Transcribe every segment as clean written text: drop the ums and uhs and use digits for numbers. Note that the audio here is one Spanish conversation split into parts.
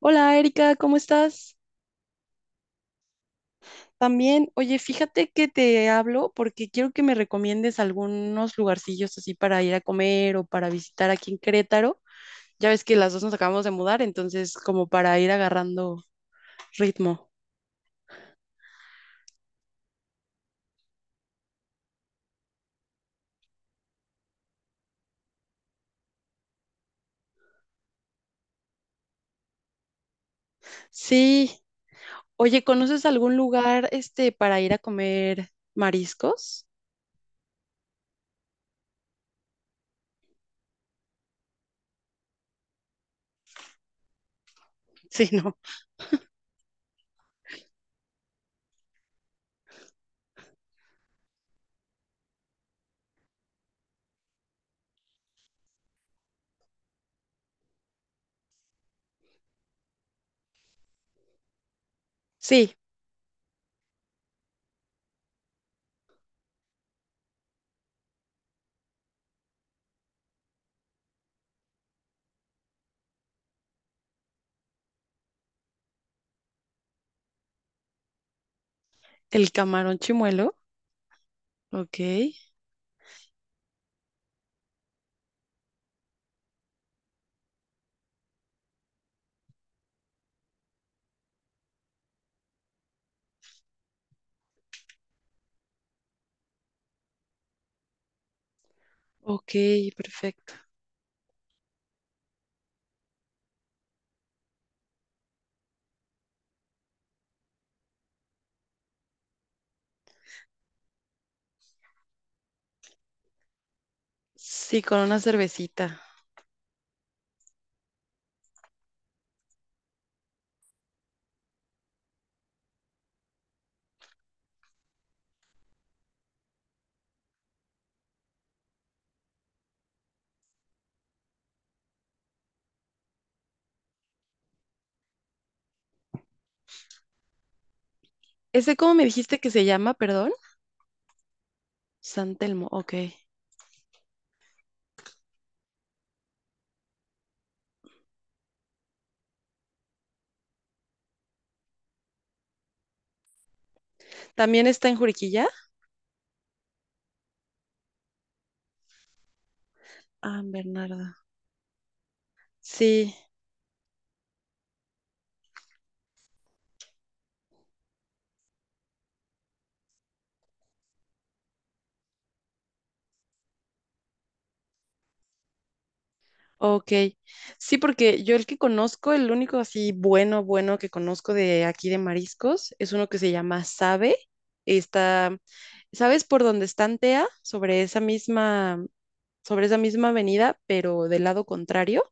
Hola Erika, ¿cómo estás? También, oye, fíjate que te hablo porque quiero que me recomiendes algunos lugarcillos así para ir a comer o para visitar aquí en Querétaro. Ya ves que las dos nos acabamos de mudar, entonces como para ir agarrando ritmo. Sí, oye, ¿conoces algún lugar para ir a comer mariscos? Sí, no. Sí, el camarón chimuelo. Ok, ok, perfecto. Sí, con una cervecita. ¿Ese cómo me dijiste que se llama, perdón? San Telmo, ok. ¿También está en Juriquilla? Ah, en Bernarda. Sí, ok. Sí, porque yo el que conozco, el único así bueno, bueno que conozco de aquí de mariscos, es uno que se llama Sabe. Está, ¿sabes por dónde está Antea? Sobre esa misma avenida, pero del lado contrario.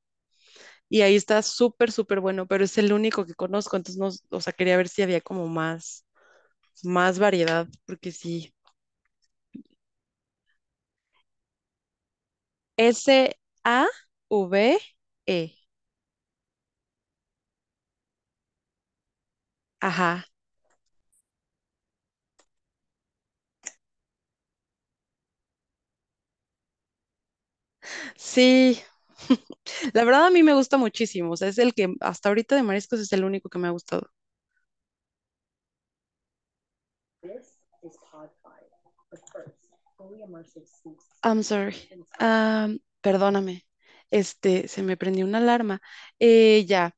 Y ahí está súper, súper bueno, pero es el único que conozco, entonces no, o sea, quería ver si había como más variedad, porque sí. Save. Ajá. Sí. La verdad a mí me gusta muchísimo. O sea, es el que hasta ahorita de mariscos es el único que me ha gustado. I'm sorry. Ah, perdóname. Se me prendió una alarma. Ya.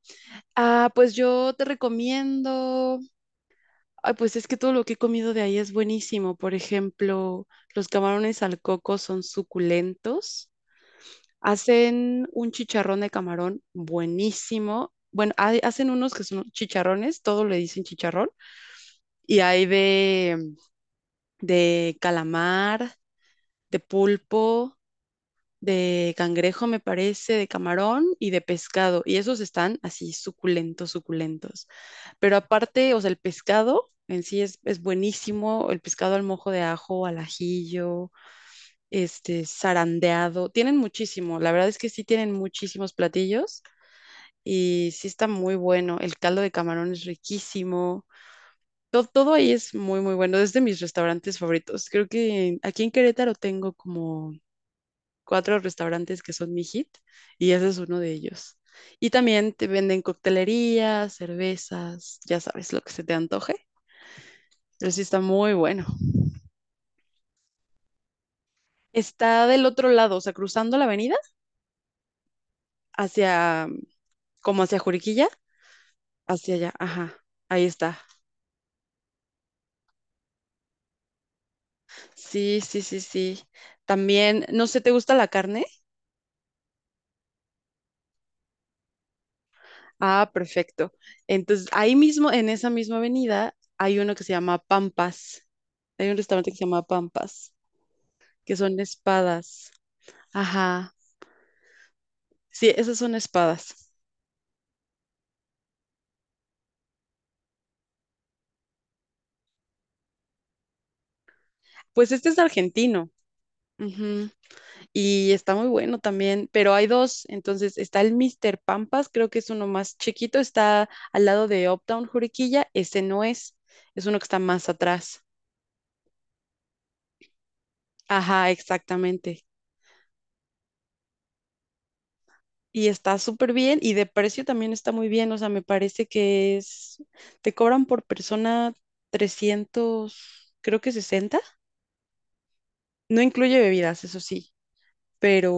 Ah, pues yo te recomiendo. Ay, pues es que todo lo que he comido de ahí es buenísimo. Por ejemplo, los camarones al coco son suculentos. Hacen un chicharrón de camarón buenísimo. Bueno, hacen unos que son chicharrones, todo le dicen chicharrón. Y hay de calamar, de pulpo, de cangrejo, me parece, de camarón y de pescado. Y esos están así suculentos, suculentos. Pero aparte, o sea, el pescado en sí es buenísimo. El pescado al mojo de ajo, al ajillo, zarandeado. Tienen muchísimo. La verdad es que sí tienen muchísimos platillos. Y sí está muy bueno. El caldo de camarón es riquísimo. Todo, todo ahí es muy, muy bueno. Es de mis restaurantes favoritos. Creo que aquí en Querétaro tengo como cuatro restaurantes que son mi hit y ese es uno de ellos. Y también te venden coctelería cervezas, ya sabes lo que se te antoje. Pero sí está muy bueno. Está del otro lado, o sea, cruzando la avenida hacia, como hacia Juriquilla, hacia allá. Ajá, ahí está. Sí, sí, sí, sí. También, no sé, ¿te gusta la carne? Ah, perfecto. Entonces, ahí mismo, en esa misma avenida, hay uno que se llama Pampas. Hay un restaurante que se llama Pampas, que son espadas. Ajá. Sí, esas son espadas. Pues este es argentino. Ujú. Y está muy bueno también, pero hay dos. Entonces, está el Mr. Pampas, creo que es uno más chiquito, está al lado de Uptown Juriquilla. Ese no es, es uno que está más atrás. Ajá, exactamente. Y está súper bien y de precio también está muy bien, o sea, me parece que es, te cobran por persona 300 creo que sesenta, no incluye bebidas, eso sí, pero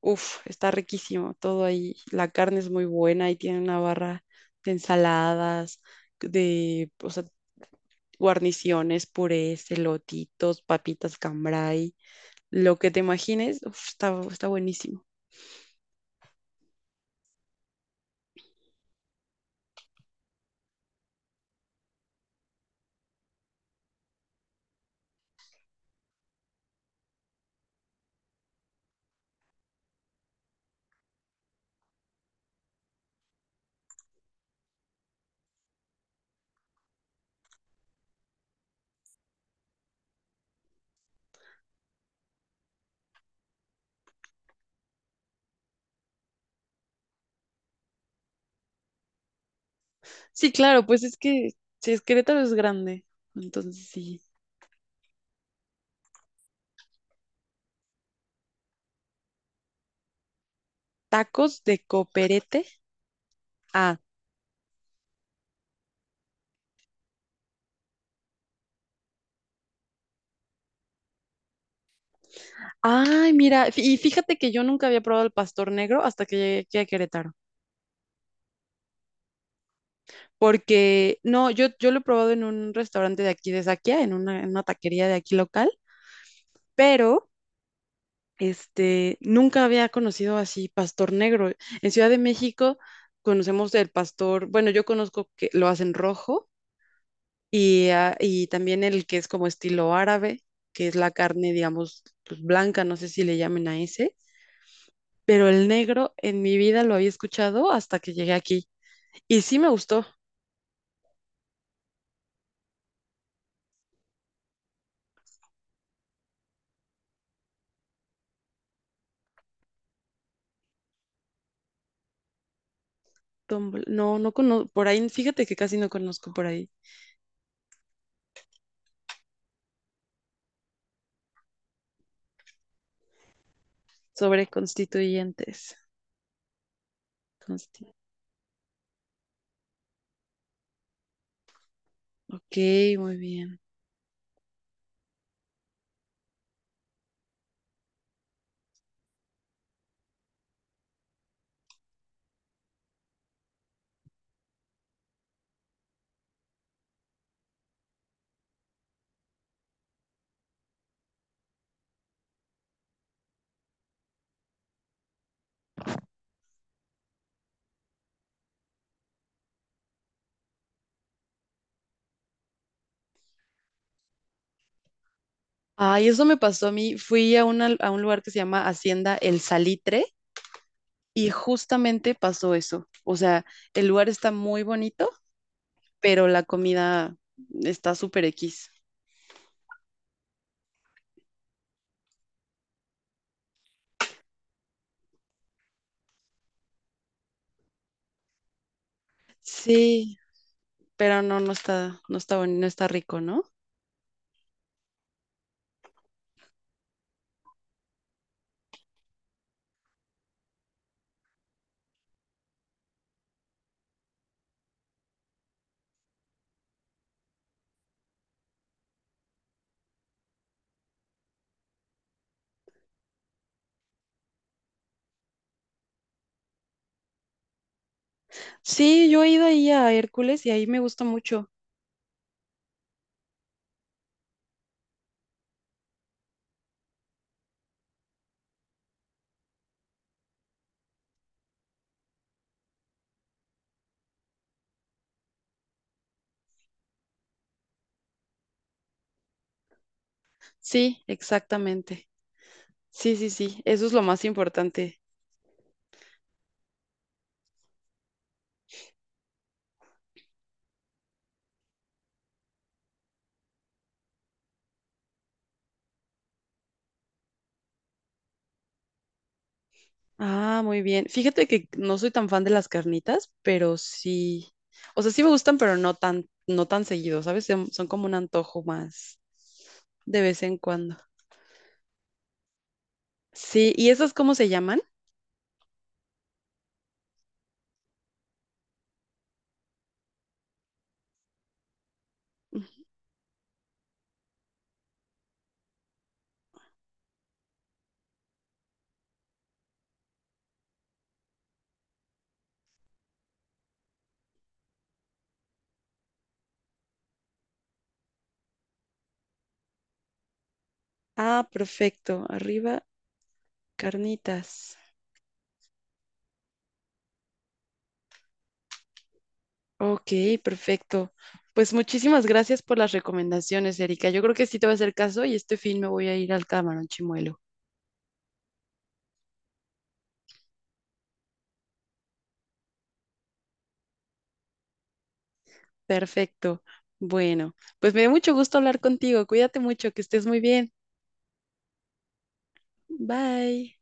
uff, está riquísimo todo ahí, la carne es muy buena y tiene una barra de ensaladas, de, o sea, guarniciones, purés, elotitos, papitas cambray, lo que te imagines, uf, está, está buenísimo. Sí, claro, pues es que si es Querétaro es grande, entonces sí. Tacos de coperete. Ah, ay, mira, y fíjate que yo nunca había probado el pastor negro hasta que llegué aquí a Querétaro, porque no, yo lo he probado en un restaurante de aquí de Saquia, en una taquería de aquí local, pero nunca había conocido así pastor negro. En Ciudad de México conocemos el pastor, bueno, yo conozco que lo hacen rojo. Y, ah, y también el que es como estilo árabe, que es la carne, digamos, pues, blanca, no sé si le llamen a ese, pero el negro en mi vida lo había escuchado hasta que llegué aquí. Y sí me gustó. No, no conozco, por ahí, fíjate que casi no conozco por ahí sobre constituyentes. Consti- ok, muy bien. Ay, eso me pasó a mí. Fui a un lugar que se llama Hacienda El Salitre y justamente pasó eso. O sea, el lugar está muy bonito pero la comida está súper X. Sí, pero no, no está bueno, no está rico, ¿no? Sí, yo he ido ahí a Hércules y ahí me gusta mucho. Sí, exactamente. Sí, sí, sí, eso es lo más importante. Ah, muy bien. Fíjate que no soy tan fan de las carnitas, pero sí. O sea, sí me gustan, pero no tan, no tan seguido, ¿sabes? Son como un antojo más de vez en cuando. Sí, ¿y esas cómo se llaman? Ah, perfecto. Arriba, carnitas. Ok, perfecto. Pues muchísimas gracias por las recomendaciones, Erika. Yo creo que sí te voy a hacer caso y este fin me voy a ir al Camarón Chimuelo. Perfecto. Bueno, pues me dio mucho gusto hablar contigo. Cuídate mucho, que estés muy bien. Bye.